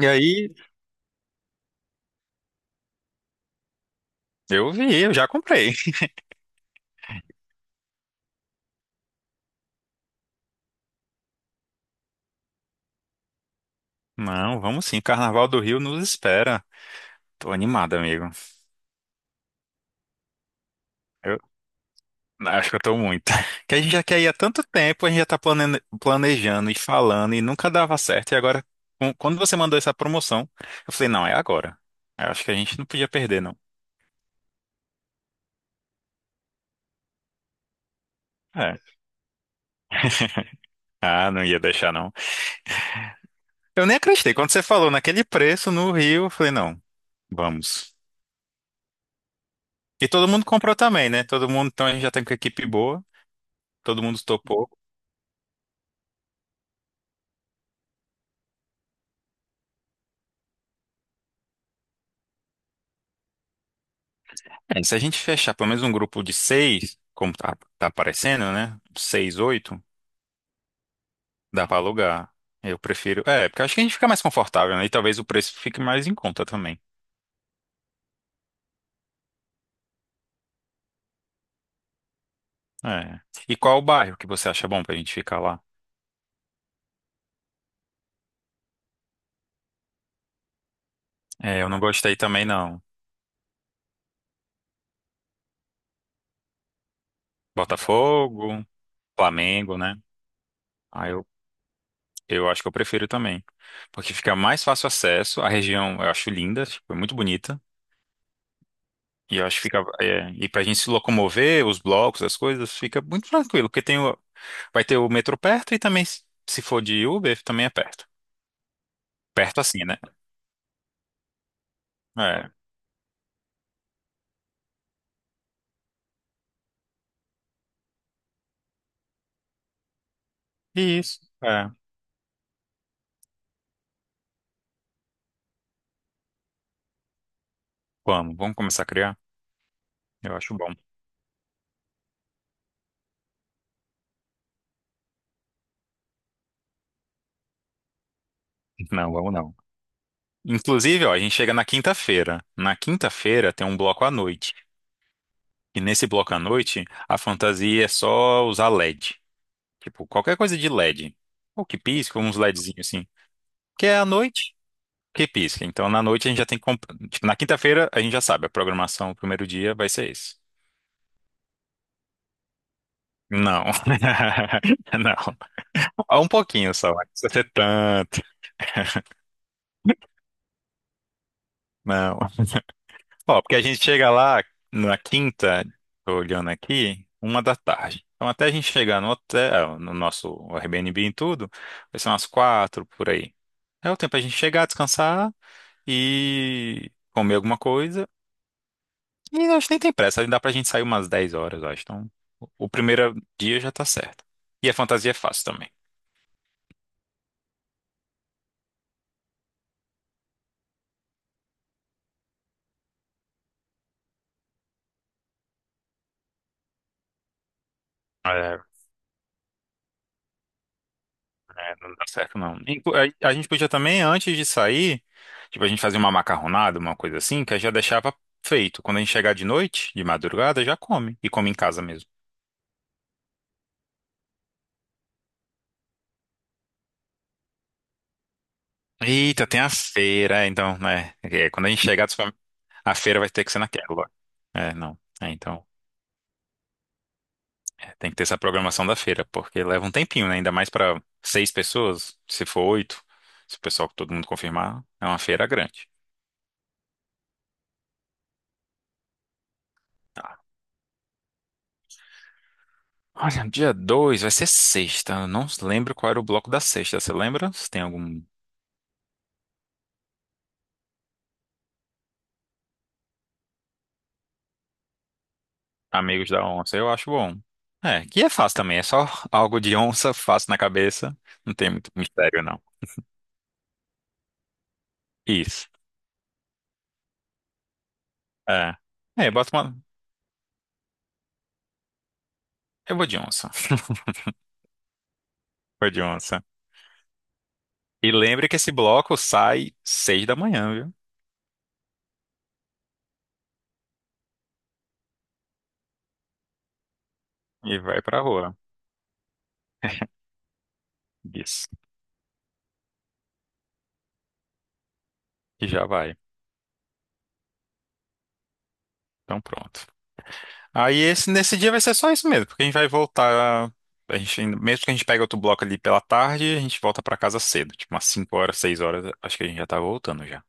E aí, eu vi, eu já comprei. Não, vamos sim, Carnaval do Rio nos espera. Tô animado, amigo. Eu acho que eu tô muito. Que a gente já quer ir há tanto tempo, a gente já tá planejando e falando e nunca dava certo. E agora, quando você mandou essa promoção, eu falei, não, é agora. Eu acho que a gente não podia perder, não. É. Ah, não ia deixar, não. Eu nem acreditei. Quando você falou naquele preço no Rio, eu falei, não, vamos. E todo mundo comprou também, né? Todo mundo, então a gente já tem com a equipe boa. Todo mundo topou. É, se a gente fechar pelo menos um grupo de seis, como tá, tá aparecendo, né? Seis, oito, dá pra alugar. Eu prefiro. É, porque eu acho que a gente fica mais confortável, né? E talvez o preço fique mais em conta também. É. E qual o bairro que você acha bom pra gente ficar lá? É, eu não gostei também, não. Botafogo, Flamengo, né? Ah, eu acho que eu prefiro também. Porque fica mais fácil acesso. A região eu acho linda, tipo, é muito bonita. E eu acho que fica. É, e pra gente se locomover, os blocos, as coisas, fica muito tranquilo. Porque tem o- Vai ter o metrô perto e também, se for de Uber, também é perto. Perto assim, né? É. Isso. É. Vamos, vamos começar a criar? Eu acho bom. Não, vamos não. Inclusive, ó, a gente chega na quinta-feira. Na quinta-feira tem um bloco à noite. E nesse bloco à noite, a fantasia é só usar LED. Tipo, qualquer coisa de LED. Ou que pisca, uns LEDzinhos assim. Que é à noite que pisca. Então, na noite a gente já tem que comp... Tipo, na quinta-feira a gente já sabe, a programação, o primeiro dia vai ser esse. Não. Não. Ah, um pouquinho só, mas não precisa ser tanto. Não. Ó, porque a gente chega lá na quinta, tô olhando aqui, 1h da tarde. Então até a gente chegar no hotel, no nosso Airbnb e tudo, vai ser umas quatro por aí. É o tempo a gente chegar, descansar e comer alguma coisa. E eu acho que nem tem pressa, dá pra gente sair umas 10 horas, eu acho. Então o primeiro dia já tá certo. E a fantasia é fácil também. É, é, não dá certo, não. A gente podia também, antes de sair, tipo, a gente fazer uma macarronada, uma coisa assim, que aí já deixava feito. Quando a gente chegar de noite, de madrugada, já come. E come em casa mesmo. Eita, tem a feira, é, então, né? É, quando a gente chegar, tu fala, a feira vai ter que ser naquela. É, não. É, então, é, tem que ter essa programação da feira, porque leva um tempinho, né? Ainda mais para seis pessoas, se for oito, se o pessoal, todo mundo confirmar, é uma feira grande. Olha, dia 2 vai ser sexta. Eu não lembro qual era o bloco da sexta. Você lembra? Se tem algum amigos da onça, eu acho bom. É, que é fácil também. É só algo de onça, fácil na cabeça. Não tem muito mistério, não. Isso. É. É, bota uma. Eu vou de onça. Vou de onça. E lembre que esse bloco sai 6 da manhã, viu? E vai pra rua. Isso. E já vai. Então pronto. Aí esse, nesse dia vai ser só isso mesmo, porque a gente vai voltar. A gente, mesmo que a gente pegue outro bloco ali pela tarde, a gente volta pra casa cedo, tipo umas 5 horas, 6 horas, acho que a gente já tá voltando já.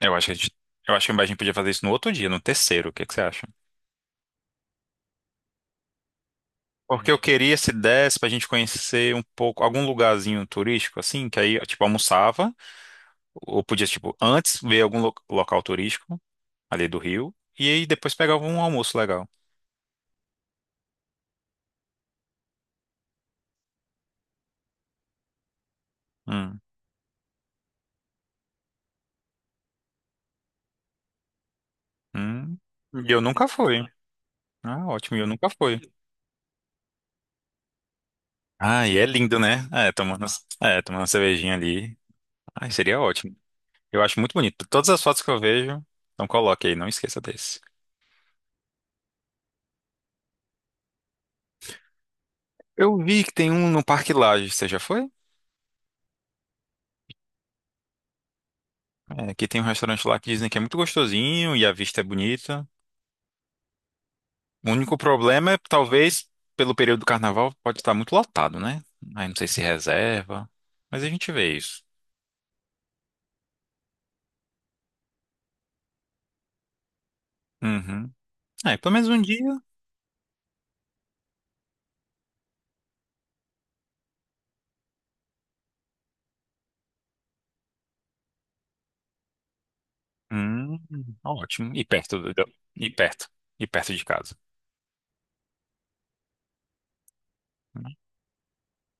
Eu acho que a gente, eu acho que a gente podia fazer isso no outro dia, no terceiro, o que que você acha? Porque eu queria, se desse, pra gente conhecer um pouco, algum lugarzinho turístico, assim, que aí, tipo, almoçava, ou podia, tipo, antes ver algum local turístico ali do Rio, e aí depois pegava um almoço legal. Hum, hum. E eu nunca fui. Ah, ótimo, e eu nunca fui. Ah, e é lindo, né? É, tomando uma cervejinha ali. Ai, seria ótimo. Eu acho muito bonito. Todas as fotos que eu vejo, então coloque aí, não esqueça desse. Eu vi que tem um no Parque Lage, você já foi? É, que tem um restaurante lá que dizem que é muito gostosinho e a vista é bonita. O único problema é, talvez, pelo período do carnaval, pode estar muito lotado, né? Aí não sei se reserva, mas a gente vê isso. Uhum. É, pelo menos um dia. Hum, ótimo. E perto do, e perto. E perto de casa.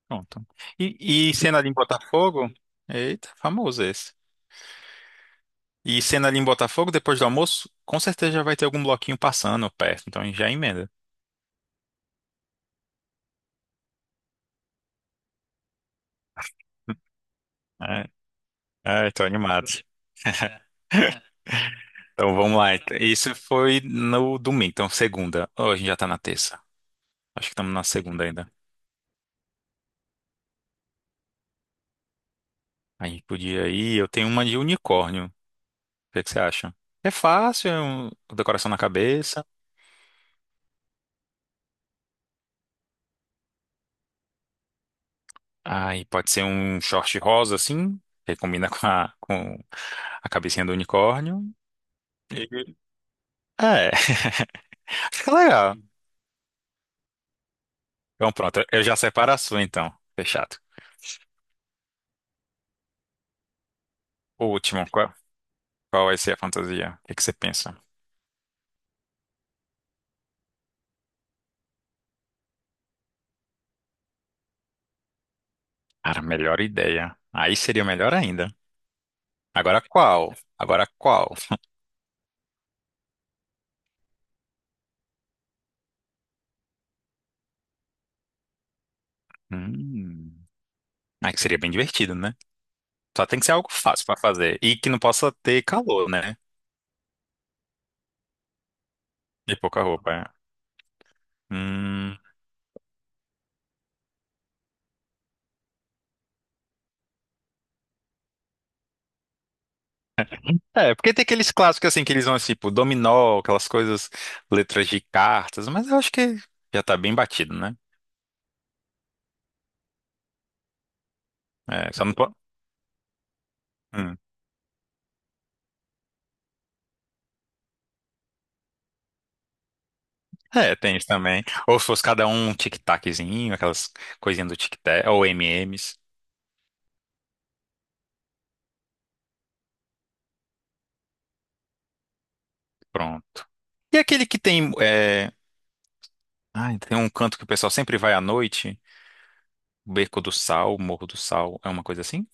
Pronto. E cena ali em Botafogo? Eita, famoso esse. E cena ali em Botafogo, depois do almoço, com certeza já vai ter algum bloquinho passando perto, então já emenda. É, é, tô animado. Então vamos lá. Então. Isso foi no domingo, então segunda. Hoje a gente já tá na terça. Acho que estamos na segunda ainda. A gente podia ir. Eu tenho uma de unicórnio. O que é que você acha? É fácil, é decoração na cabeça. Aí pode ser um short rosa assim, que combina com a cabecinha do unicórnio. E- É, fica legal. Então pronto, eu já separo a sua então. Fechado. O último, qual, qual vai ser a fantasia? O que que você pensa? Cara, melhor ideia. Aí seria melhor ainda. Agora qual? Agora qual? Hum, aí que seria bem divertido, né? Só tem que ser algo fácil pra fazer e que não possa ter calor, né? E pouca roupa. É. Hum, é, porque tem aqueles clássicos assim que eles vão assim, tipo dominó, aquelas coisas, letras de cartas, mas eu acho que já tá bem batido, né? É, só não pode. É, tem isso também. Ou se fosse cada um um tic-taczinho, aquelas coisinhas do tic-tac, ou M&M's, pronto. E aquele que tem, é... Ai, tem um canto que o pessoal sempre vai à noite, Beco do Sal, Morro do Sal, é uma coisa assim?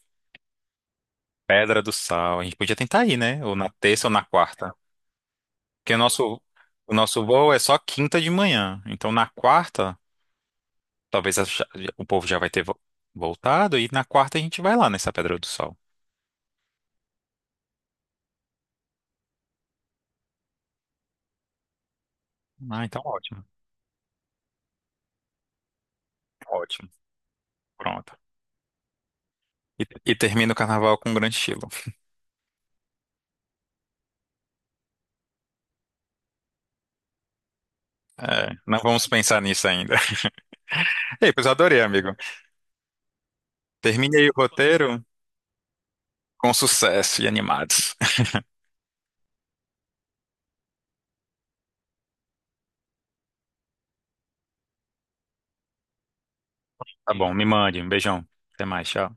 Pedra do Sal, a gente podia tentar ir, né? Ou na terça ou na quarta. Porque o nosso voo é só quinta de manhã, então na quarta, talvez o povo já vai ter voltado, e na quarta a gente vai lá nessa Pedra do Sal. Ah, então ótimo, ótimo, pronto. E, e termina o carnaval com um grande estilo. É, não vamos pensar nisso ainda. Ei, pois adorei, amigo. Termine aí o roteiro com sucesso e animados. Tá bom, me mande. Um beijão. Até mais, tchau.